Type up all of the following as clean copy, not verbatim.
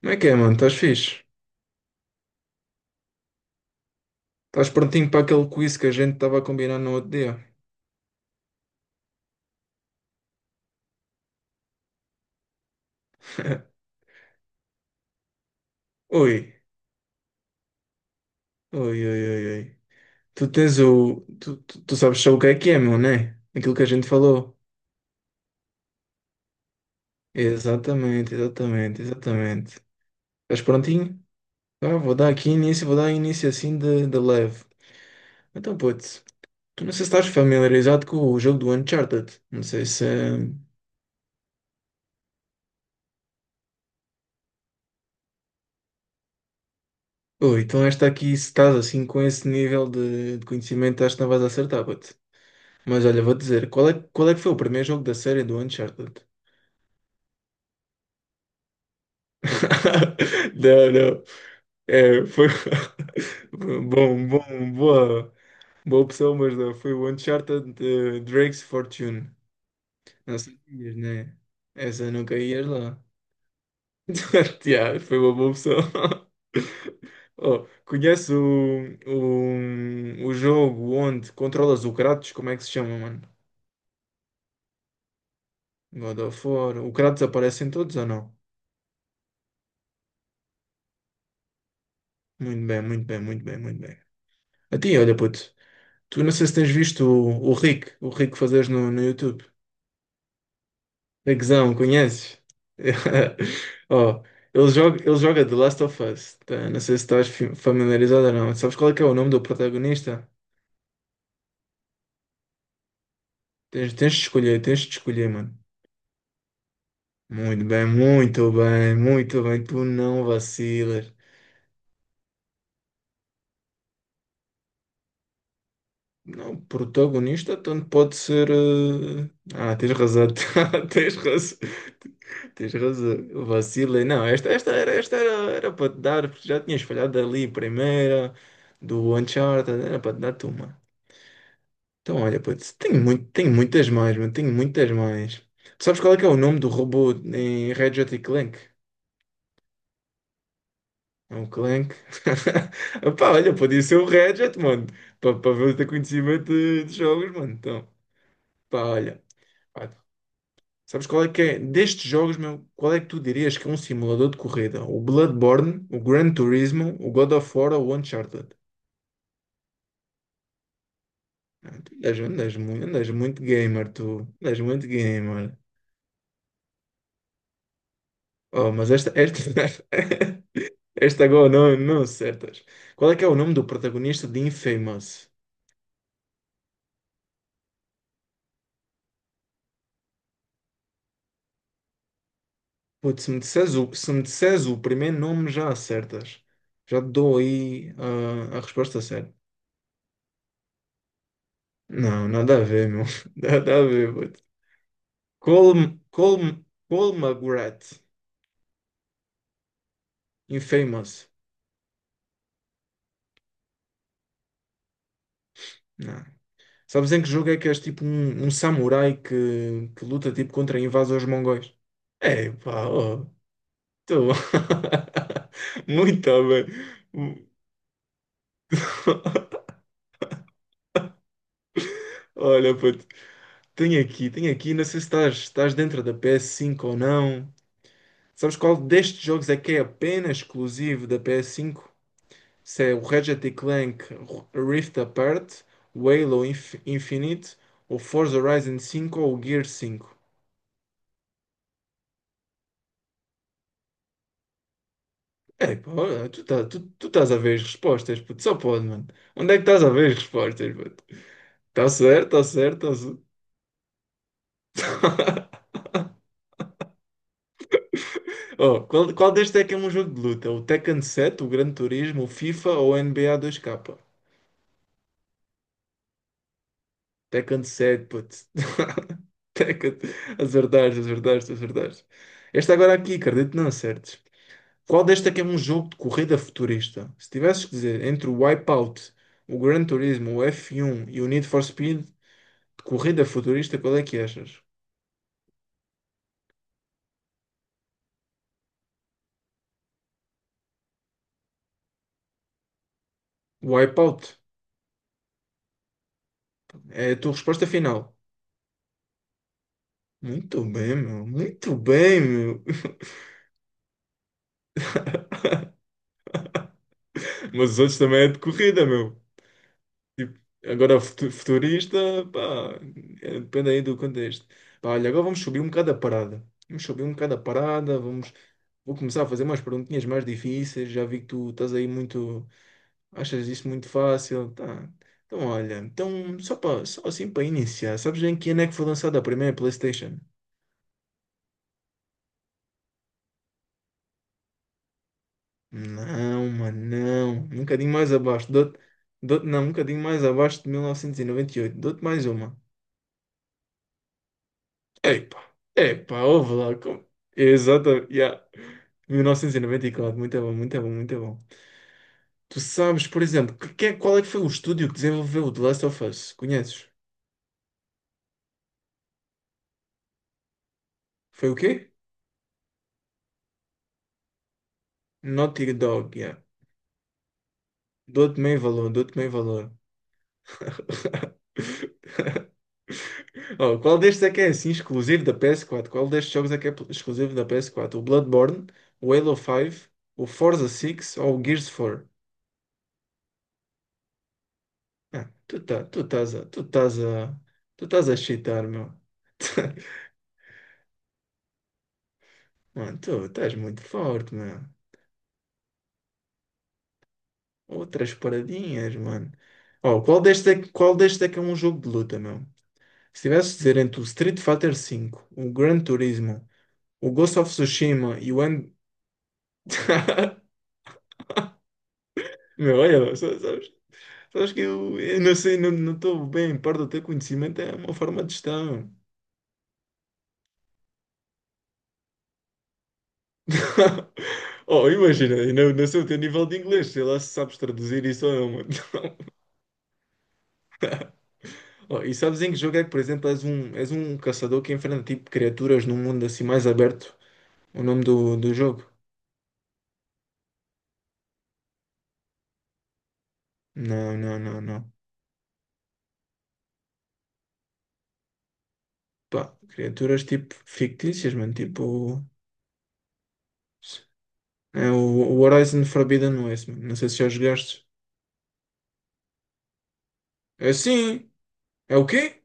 Como é que é, mano? Estás fixe? Estás prontinho para aquele quiz que a gente estava a combinar no outro dia? Oi, oi. Tu tens o. Tu, tu, tu sabes só o que é, meu, né? Aquilo que a gente falou. Exatamente. Estás prontinho? Tá, vou dar início assim de leve. Então, putz, tu não sei se estás familiarizado com o jogo do Uncharted. Não sei se. Oi, então esta aqui, se estás assim com esse nível de conhecimento, acho que não vais acertar, putz. Mas olha, vou dizer, qual é que foi o primeiro jogo da série do Uncharted? Não, não. É, foi bom, bom, boa, boa opção, mas não. Foi o Uncharted Drake's Fortune. Não sabias, né? Essa nunca ias lá. Yeah, foi uma boa opção. Oh, conhece o jogo onde controlas o Kratos? Como é que se chama, mano? God of War. O Kratos aparece em todos ou não? Muito bem. A ti, olha, puto, tu não sei se tens visto o Rick, o Rick fazes no YouTube. Rickzão, conheces? Oh, ele joga The Last of Us. Tá. Não sei se estás familiarizado ou não. Sabes qual é que é o nome do protagonista? Tens de escolher, mano. Muito bem. Tu não vacilas. Não, protagonista tanto pode ser. Ah, tens razão. Tens razão. Tens razão. Vacilei. Não, esta era, era para te dar, porque já tinhas falhado ali, primeira, do Uncharted, era para te dar tu uma. Então, olha, putz, tenho muitas mais, mano, tenho muitas mais. Tu sabes qual é que é o nome do robô em Ratchet e Clank? É um Clank. Pá, olha, podia ser o Ratchet, mano, para ver o teu conhecimento de jogos, mano. Então, pá, olha. Sabes qual é que é? Destes jogos, meu, qual é que tu dirias que é um simulador de corrida? O Bloodborne, o Gran Turismo, o God of War ou o Uncharted? Ah, andas muito gamer, tu. Andas muito gamer. Oh, mas esta agora não, não acertas. Qual é que é o nome do protagonista de Infamous? Putz, se me disseres o primeiro nome, já acertas. Já te dou aí a resposta certa. Não, nada a ver, meu. Nada a ver, putz. Colm, Colm, Colmagret, Infamous. Não. Sabes em que jogo é que és tipo um, um samurai que luta tipo contra invasores mongóis? É, pá, oh, tu. Muito bem. Olha, puto, tenho aqui, não sei se estás, estás dentro da PS5 ou não. Sabes qual destes jogos é que é apenas exclusivo da PS5? Se é o Ratchet e Clank Rift Apart, o Halo Infinite, o Forza Horizon cinco ou o Gear cinco. É, pô, tu estás a ver as respostas, puto, só pode, mano. Onde é que estás a ver as respostas, puto? Tá certo. Oh, qual deste é que é um jogo de luta? O Tekken 7, o Gran Turismo, o FIFA ou o NBA 2K? Tekken 7, puto. Tekken. Acertaste. Este agora aqui, acredito, que não acertes. Qual deste é que é um jogo de corrida futurista? Se tivesses que dizer entre o Wipeout, o Gran Turismo, o F1 e o Need for Speed, de corrida futurista, qual é que achas? Wipeout é a tua resposta final. Muito bem, meu. Muito bem, meu. Mas os outros também é de corrida, meu. Tipo, agora futurista, pá, é, depende aí do contexto. Pá, olha, agora vamos subir um bocado a parada. Vamos subir um bocado a parada, vamos... Vou começar a fazer umas perguntinhas mais difíceis. Já vi que tu estás aí muito. Achas isso muito fácil? Tá. Então, olha, então, só, para só assim para iniciar, sabes em que ano é que foi lançada a primeira PlayStation? Não, mano, não. Um bocadinho mais abaixo. Não, um bocadinho mais abaixo de 1998. Dou-te mais uma. Epa, epa, ouve lá. Como... Exato, yeah. 1994, muito bom. Tu sabes, por exemplo, qual é que foi o estúdio que desenvolveu o The Last of Us? Conheces? Foi o quê? Naughty Dog, yeah. Dou-te meio valor, dou-te meio valor. Oh, qual destes é que é assim exclusivo da PS4? Qual destes jogos é que é exclusivo da PS4? O Bloodborne, o Halo 5, o Forza 6 ou o Gears 4? Ah, tu tá, tu estás a, tu estás a, tu estás a cheatar, meu. Mano, tu estás muito forte, meu. Outras paradinhas, mano. Oh, qual destes é que é um jogo de luta, meu? Se tivesse de dizer entre o Street Fighter cinco, o Gran Turismo, o Ghost of Tsushima e o meu, olha, sabes, sabes que eu não sei, não estou bem, perto do teu conhecimento é uma forma de gestão. Oh, imagina, eu não, não sei o teu nível de inglês, sei lá se sabes traduzir isso ou não, mano. Oh, e sabes em que jogo é que, por exemplo, és um caçador que enfrenta tipo criaturas num mundo assim mais aberto? O nome do jogo? Não. Pá, criaturas tipo fictícias, mano, tipo. É o Horizon Forbidden West, mano. Não sei se já jogaste. É sim! É o quê?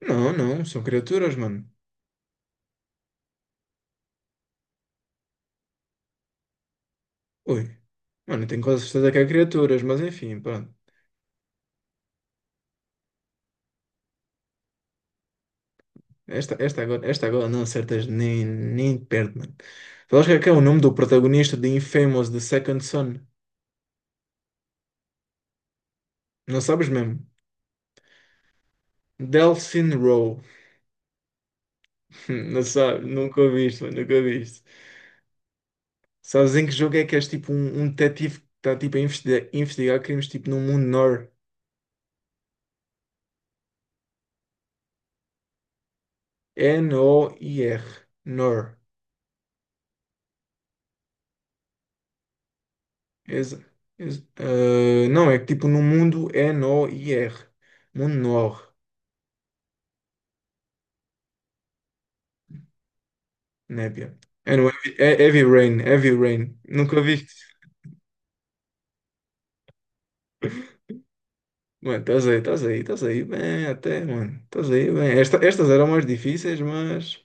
Não, não, são criaturas, mano. Ui. Mano, eu tenho quase certeza que há criaturas, mas enfim, pronto. Esta agora não acertas nem, nem perto, mano. Sabes que é o nome do protagonista de Infamous, The Second Son? Não sabes mesmo? Delphine Rowe. Não sabes, nunca ouviste, mano, nunca ouviste. Sabes em que jogo é que és tipo um, um detetive que está tipo a investigar, investigar crimes tipo no mundo Nor. N-O-I-R. Nor. Exa, não, é que tipo no mundo N-O-I-R. Mundo Noir, népia. É no Heavy, é Heavy Rain, Heavy Rain. Nunca viste? Mano, estás aí bem até, mano. Estás aí bem. Estas eram mais difíceis, mas...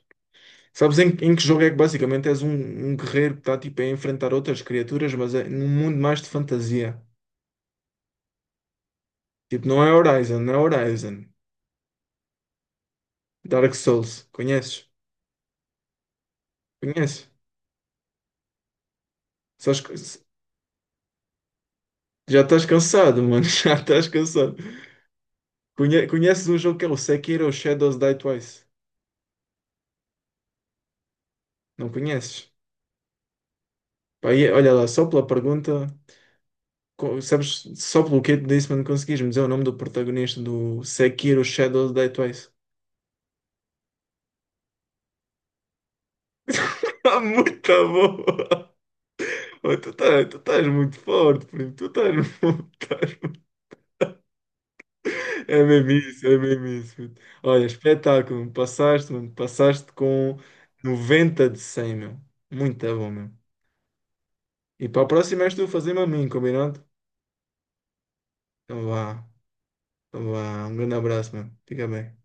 Sabes em, em que jogo é que basicamente um guerreiro que está tipo a enfrentar outras criaturas, mas é num mundo mais de fantasia. Tipo, não é Horizon, não é Horizon. Dark Souls, conheces? Conheces? Sabes, já estás cansado, mano. Já estás cansado. Conheces um jogo que é o Sekiro Shadows Die Twice? Não conheces? Pá, e olha lá, só pela pergunta, sabes, só pelo que eu te disse, mano, conseguiste-me dizer o nome do protagonista do Sekiro Shadows Die Twice. Tá muito bom! Oh, tu estás muito forte, primo. Tu estás, muito. estás é mesmo isso, é mesmo isso, puto. Olha, espetáculo. Passaste, mano, passaste com 90 de 100, meu. Muito bom, meu. E para a próxima és tu a fazer-me a mim, combinado? Então vá. Então vá. Um grande abraço, mano. Fica bem.